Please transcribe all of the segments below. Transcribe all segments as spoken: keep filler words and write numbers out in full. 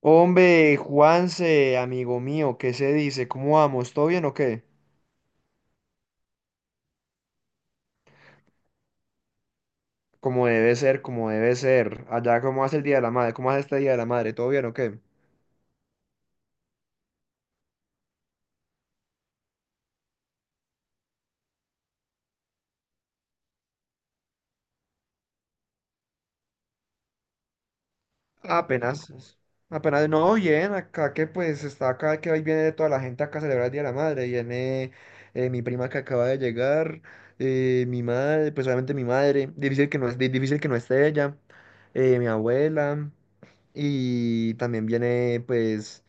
Hombre, Juanse, amigo mío, ¿qué se dice? ¿Cómo vamos? ¿Todo bien o qué? Como debe ser, como debe ser. Allá, ¿cómo hace el Día de la Madre? ¿Cómo hace este Día de la Madre? ¿Todo bien o qué? Apenas, apenas, no, bien, acá que pues está acá, que hoy viene toda la gente acá a celebrar el Día de la Madre. Viene eh, mi prima que acaba de llegar, eh, mi madre, pues obviamente mi madre, difícil que no, es- di- difícil que no esté ella, eh, mi abuela. Y también viene, pues,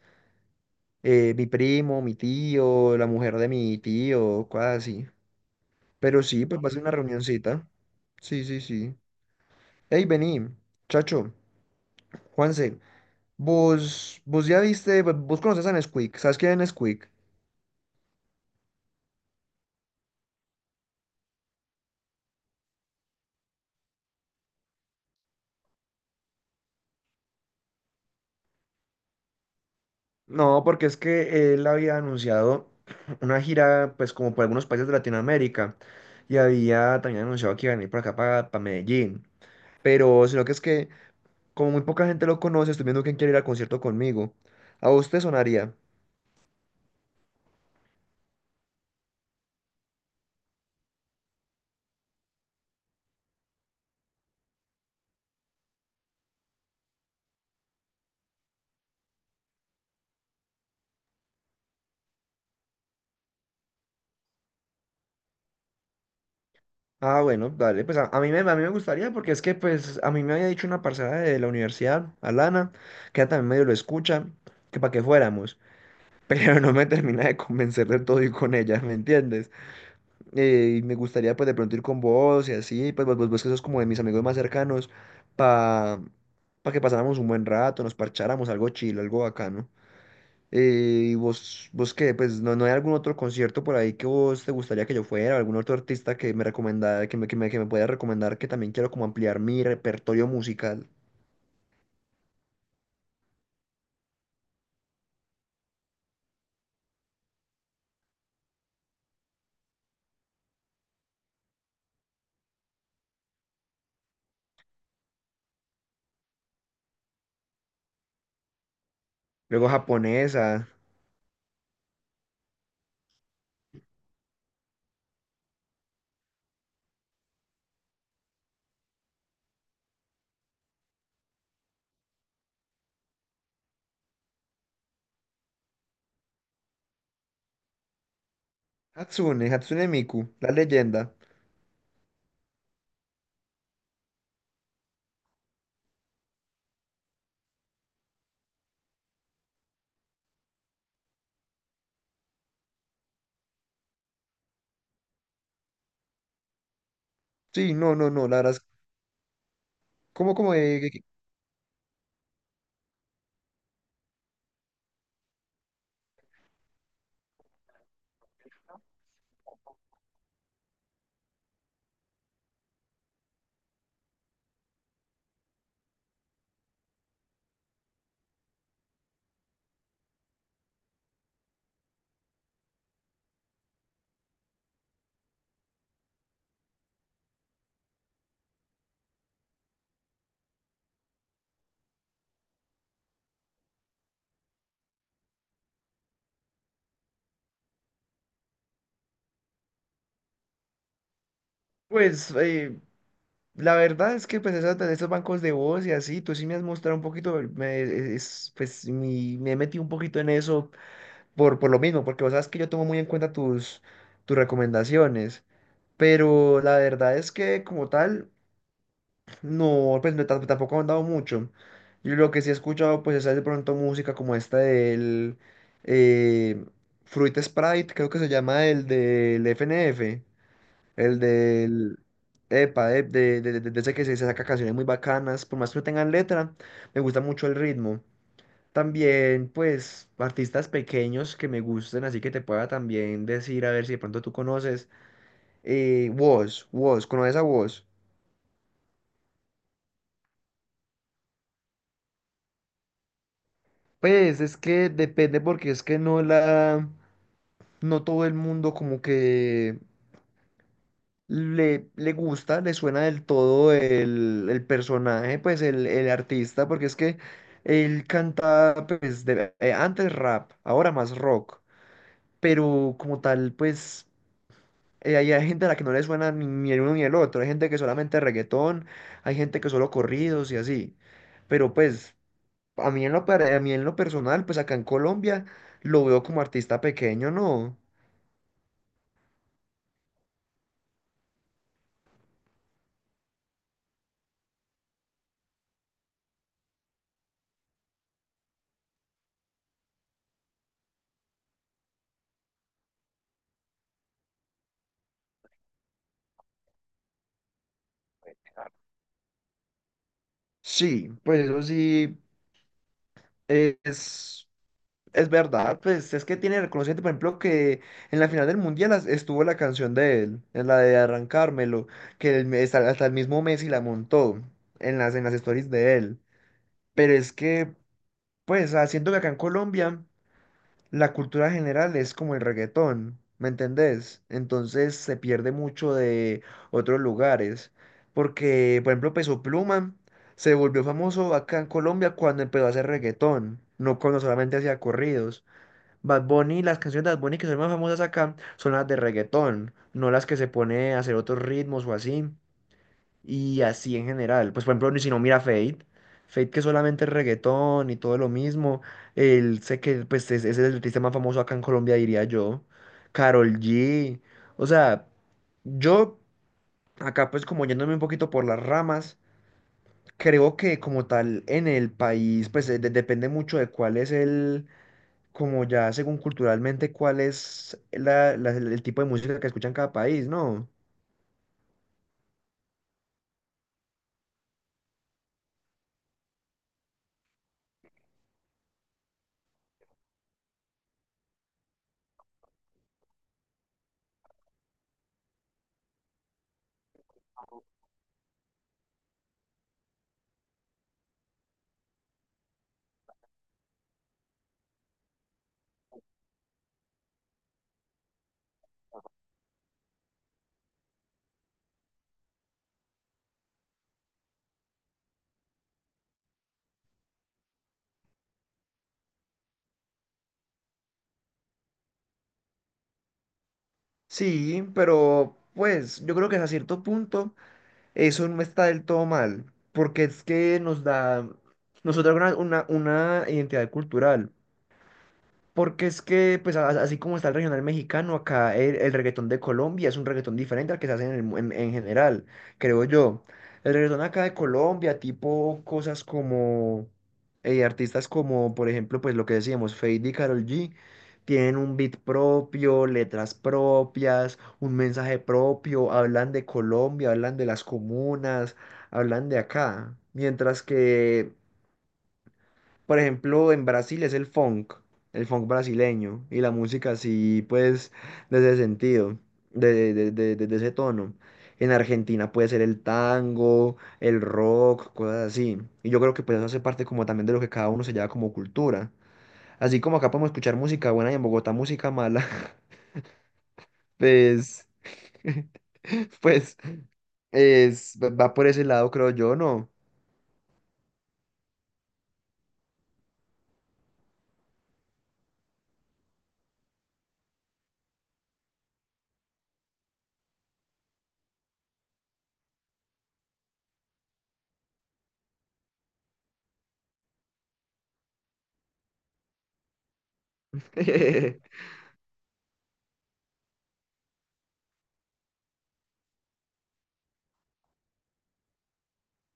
eh, mi primo, mi tío, la mujer de mi tío, cosas así. Pero sí, pues va a ser una Ok. reunioncita. Sí, sí, sí. Hey, vení, chacho, Juanse, vos, vos ya viste, vo- vos conoces a Nesquik, ¿sabes quién es Nesquik? No, porque es que él había anunciado una gira, pues como por algunos países de Latinoamérica, y había también anunciado que iba a venir por acá para, para Medellín. Pero, sino que es que, como muy poca gente lo conoce, estoy viendo quién quiere ir al concierto conmigo. ¿A vos te sonaría? Ah, bueno, dale, pues a, a mí me, a mí me gustaría porque es que pues a mí me había dicho una parcera de la universidad, Alana, que ella también medio lo escucha, que para que fuéramos, pero no me termina de convencer del todo ir con ella, ¿me entiendes? Eh, y me gustaría pues de pronto ir con vos y así, pues vos, vos, vos que sos como de mis amigos más cercanos, para que pasáramos un buen rato, nos parcháramos algo chill, algo bacano. Eh, ¿y vos, vos qué? Pues no, no hay algún otro concierto por ahí que vos te gustaría que yo fuera, algún otro artista que me recomendara, que me, que me, que me pueda recomendar, que también quiero como ampliar mi repertorio musical. Luego japonesa, Hatsune, Hatsune Miku, la leyenda. Sí, no, no, no, la verdad es, ¿cómo, cómo? eh, que- que- pues eh, la verdad es que pues esas, esos bancos de voz y así, tú sí me has mostrado un poquito, me, e, es, pues mi- me he metido un poquito en eso por, por lo mismo, porque vos sabes que yo tomo muy en cuenta tus, tus recomendaciones. Pero la verdad es que como tal, no, pues no, tam- tampoco han dado mucho. Yo lo que sí he escuchado, pues es de pronto música como esta del eh, Fruit Sprite, creo que se llama el del F N F, el del... Epa, eh, de, de, de- de ese que se, se saca canciones muy bacanas, por más que no tengan letra, me gusta mucho el ritmo. También, pues, artistas pequeños que me gusten, así que te pueda también decir, a ver si de pronto tú conoces. Eh, Wos, Wos, ¿conoces a Wos? Pues es que depende porque es que no la, no todo el mundo como que le, le gusta, le suena del todo el, el personaje, pues el, el artista, porque es que él canta pues de- eh, antes rap, ahora más rock, pero como tal pues eh, hay, hay gente a la que no le suena ni, ni el uno ni el otro, hay gente que solamente reggaetón, hay gente que solo corridos y así, pero pues... A mí en lo, per- a mí en lo personal, pues acá en Colombia lo veo como artista pequeño, ¿no? Sí, pues eso sí eh, es, es verdad, pues es que tiene reconocimiento, por ejemplo, que en la final del Mundial as- estuvo la canción de él, en la de Arrancármelo, que el me- hasta, hasta el mismo Messi la montó en las, en las stories de él. Pero es que, pues, ah, siento que acá en Colombia... la cultura general es como el reggaetón, ¿me entendés? Entonces se pierde mucho de otros lugares, porque, por ejemplo, Peso Pluma se volvió famoso acá en Colombia cuando empezó a hacer reggaetón, no cuando solamente hacía corridos. Bad Bunny, las canciones de Bad Bunny que son más famosas acá son las de reggaetón, no las que se pone a hacer otros ritmos o así. Y así en general. Pues por ejemplo, ni si no mira Fate. Fate que solamente es reggaetón y todo lo mismo. Él sé que pues es, es el artista más famoso acá en Colombia, diría yo. Karol G. O sea, yo acá pues como yéndome un poquito por las ramas, creo que como tal en el país pues eh, de- depende mucho de cuál es el, como ya según culturalmente, cuál es la- la- el tipo de música que escucha en cada país, ¿no? Sí, pero pues yo creo que hasta cierto punto. Eso no está del todo mal, porque es que nos da, nos otorga una, una, una identidad cultural. Porque es que, pues a- así como está el regional mexicano, acá el, el reggaetón de Colombia es un reggaetón diferente al que se hace en, el mu- en- en general, creo yo. El reggaetón acá de Colombia, tipo cosas como eh, artistas como, por ejemplo, pues lo que decíamos, Feid y Karol G, tienen un beat propio, letras propias, un mensaje propio, hablan de Colombia, hablan de las comunas, hablan de acá. Mientras que por ejemplo, en Brasil es el funk, el funk brasileño, y la música así, pues, desde ese sentido, de, de, de, de- de ese tono. En Argentina puede ser el tango, el rock, cosas así. Y yo creo que pues eso hace parte como también de lo que cada uno se lleva como cultura. Así como acá podemos escuchar música buena y en Bogotá música mala, pues, pues, es, va por ese lado, creo yo, ¿no?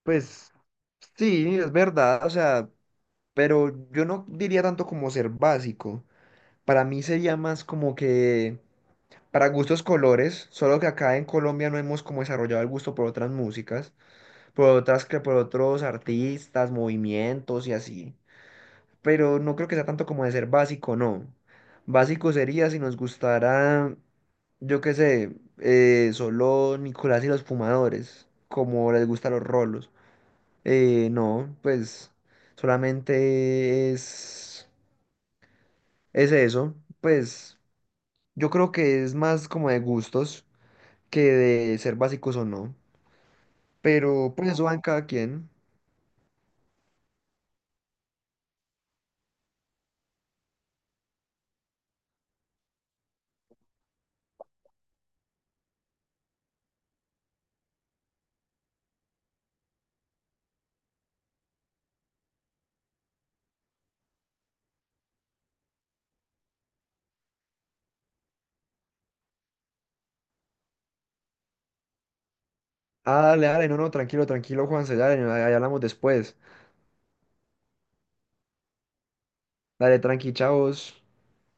Pues, sí, es verdad, o sea... pero yo no diría tanto como ser básico. Para mí sería más como que para gustos colores, solo que acá en Colombia no hemos como desarrollado el gusto por otras músicas, por otras que por otros artistas, movimientos y así. Pero no creo que sea tanto como de ser básico, no. Básico sería si nos gustara, yo qué sé, eh, solo Nicolás y los Fumadores, como les gustan los rolos. Eh, no, pues solamente es. Es eso, pues yo creo que es más como de gustos que de ser básicos o no. Pero pues eso va en cada quien. Ah, dale, dale, no, no, tranquilo, tranquilo, Juanse, dale, ahí hablamos después. Dale, tranqui, chavos.